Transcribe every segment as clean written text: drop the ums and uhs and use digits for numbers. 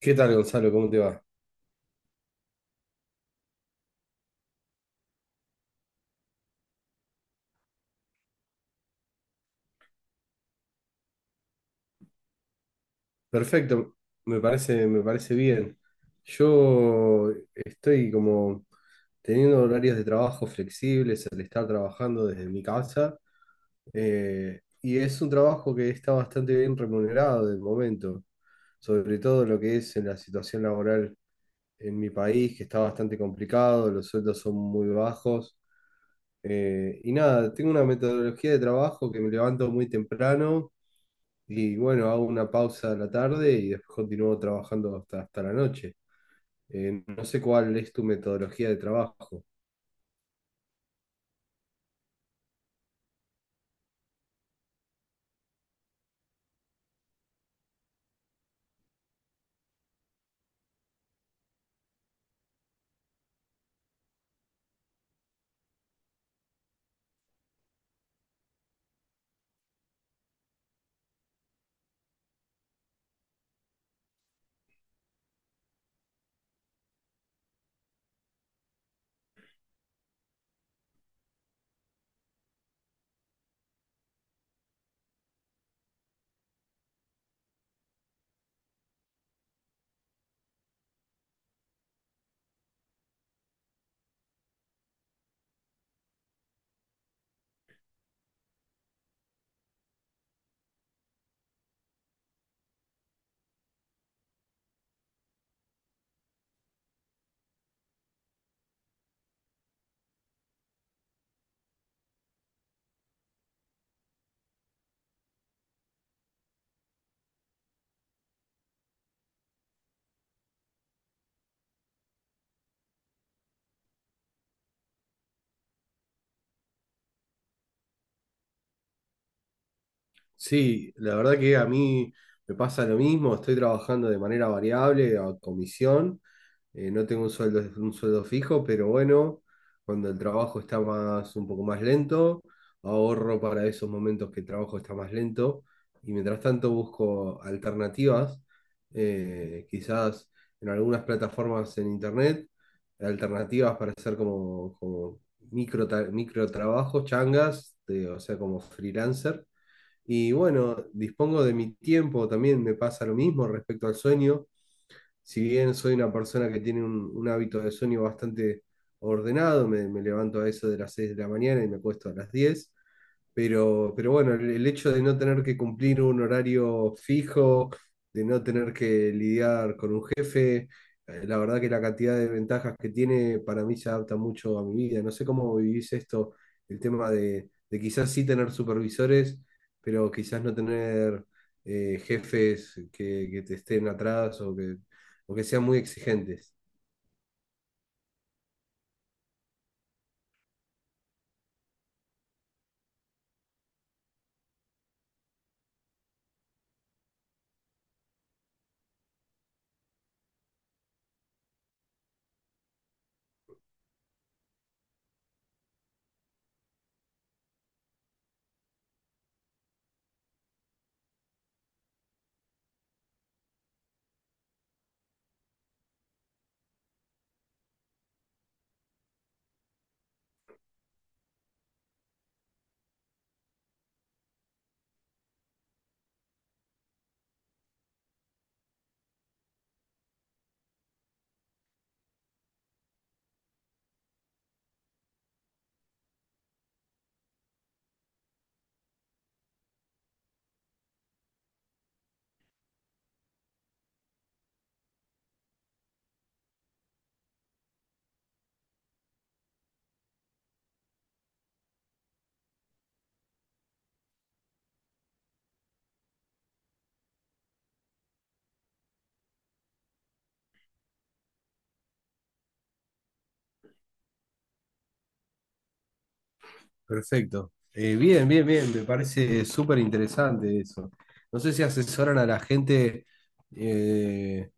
¿Qué tal, Gonzalo? ¿Cómo te va? Perfecto, me parece bien. Yo estoy como teniendo horarios de trabajo flexibles al estar trabajando desde mi casa, y es un trabajo que está bastante bien remunerado de momento, sobre todo lo que es en la situación laboral en mi país, que está bastante complicado, los sueldos son muy bajos. Y nada, tengo una metodología de trabajo que me levanto muy temprano. Y bueno, hago una pausa a la tarde y después continúo trabajando hasta la noche. No sé cuál es tu metodología de trabajo. Sí, la verdad que a mí me pasa lo mismo, estoy trabajando de manera variable, a comisión. No tengo un sueldo fijo, pero bueno, cuando el trabajo está más, un poco más lento, ahorro para esos momentos que el trabajo está más lento y mientras tanto busco alternativas, quizás en algunas plataformas en internet, alternativas para hacer como, como micro, micro trabajos, changas, de- o sea, como freelancer. Y bueno, dispongo de mi tiempo, también me pasa lo mismo respecto al sueño. Si bien soy una persona que tiene un hábito de sueño bastante ordenado, me levanto a eso de las 6 de la mañana y me acuesto a las diez, pero bueno, el hecho de no tener que cumplir un horario fijo, de no tener que lidiar con un jefe, la verdad que la cantidad de ventajas que tiene para mí se adapta mucho a mi vida. No sé cómo vivís esto, el tema de quizás sí tener supervisores, pero quizás no tener, jefes que te estén atrás, o que sean muy exigentes. Perfecto. Bien, bien, me parece súper interesante eso. No sé si asesoran a la gente, eh,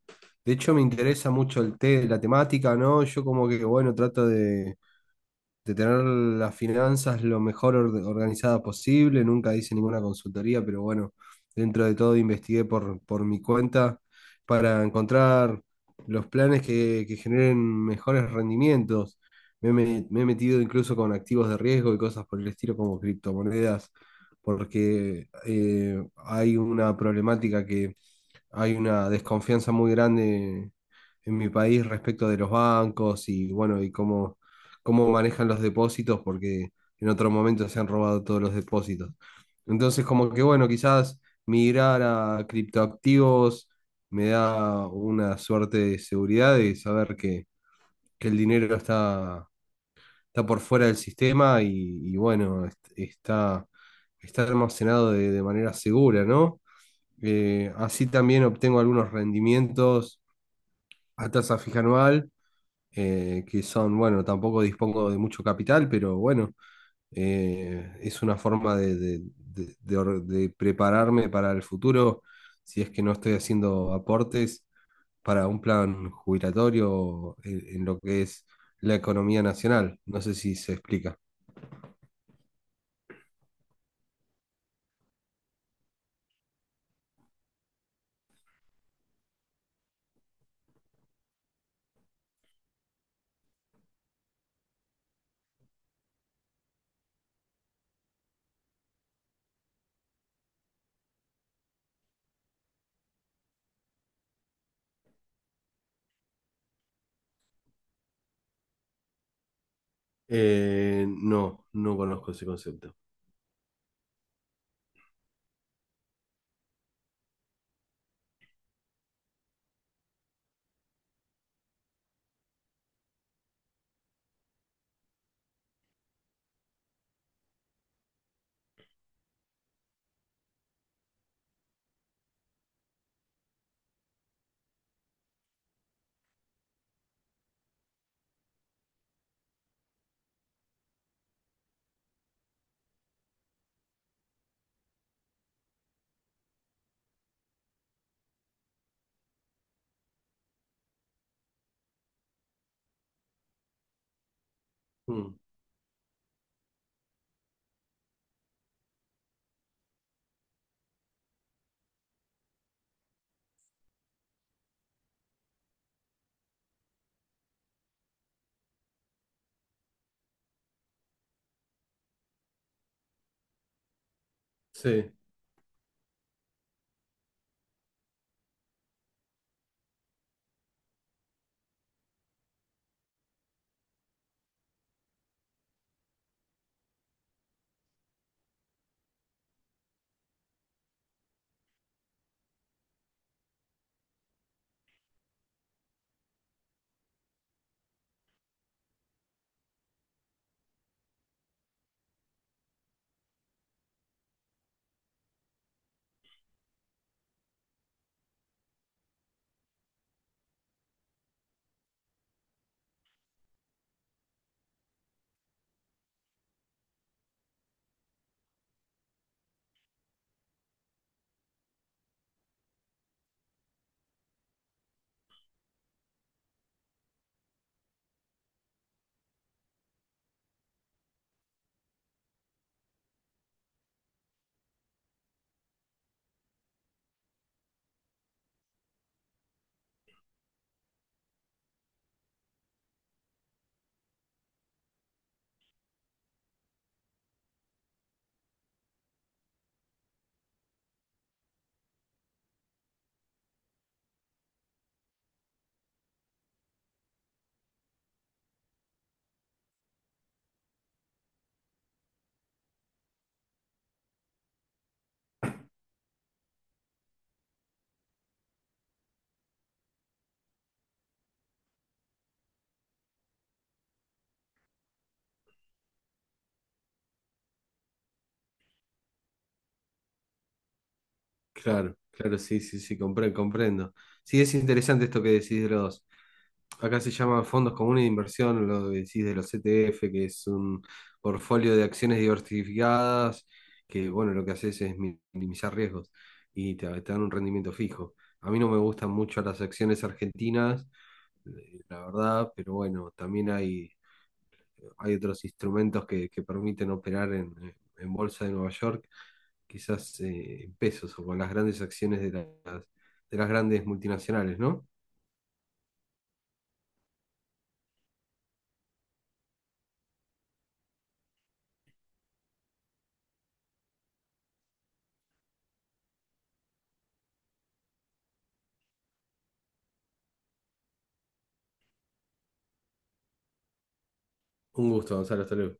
de hecho me interesa mucho el té, la temática, ¿no? Yo como que, bueno, de tener las finanzas lo mejor orde- organizada posible. Nunca hice ninguna consultoría, pero bueno, dentro de todo investigué por mi cuenta para encontrar los planes que generen mejores rendimientos. Me he metido incluso con activos de riesgo y cosas por el estilo como criptomonedas, porque hay una problemática, hay una desconfianza muy grande en mi país respecto de los bancos y bueno, cómo manejan los depósitos, porque en otro momento se han robado todos los depósitos. Entonces, como que bueno, quizás migrar a criptoactivos me da una suerte de seguridad de saber que el dinero está, está por fuera del sistema y bueno, está, está almacenado de manera segura, ¿no? Así también obtengo algunos rendimientos a tasa fija anual, que son, bueno, tampoco dispongo de mucho capital, pero bueno, es una forma de, de prepararme para el futuro, si es que no estoy haciendo aportes para un plan jubilatorio en lo que es la economía nacional. No sé si se explica. No conozco ese concepto. Mm, sí. Claro, claro, sí, sí, sí, comprendo. Sí, es interesante esto que decís de los, acá se llaman fondos comunes de inversión, lo que decís de los ETF, que es un portfolio de acciones diversificadas, que bueno, lo que haces es minimizar riesgos y te dan un rendimiento fijo. A mí no me gustan mucho las acciones argentinas, la verdad, pero bueno, también hay otros instrumentos que permiten operar en Bolsa de Nueva York, quizás en pesos o con las grandes acciones de las, de las grandes multinacionales, ¿no? Un gusto, Gonzalo, hasta luego.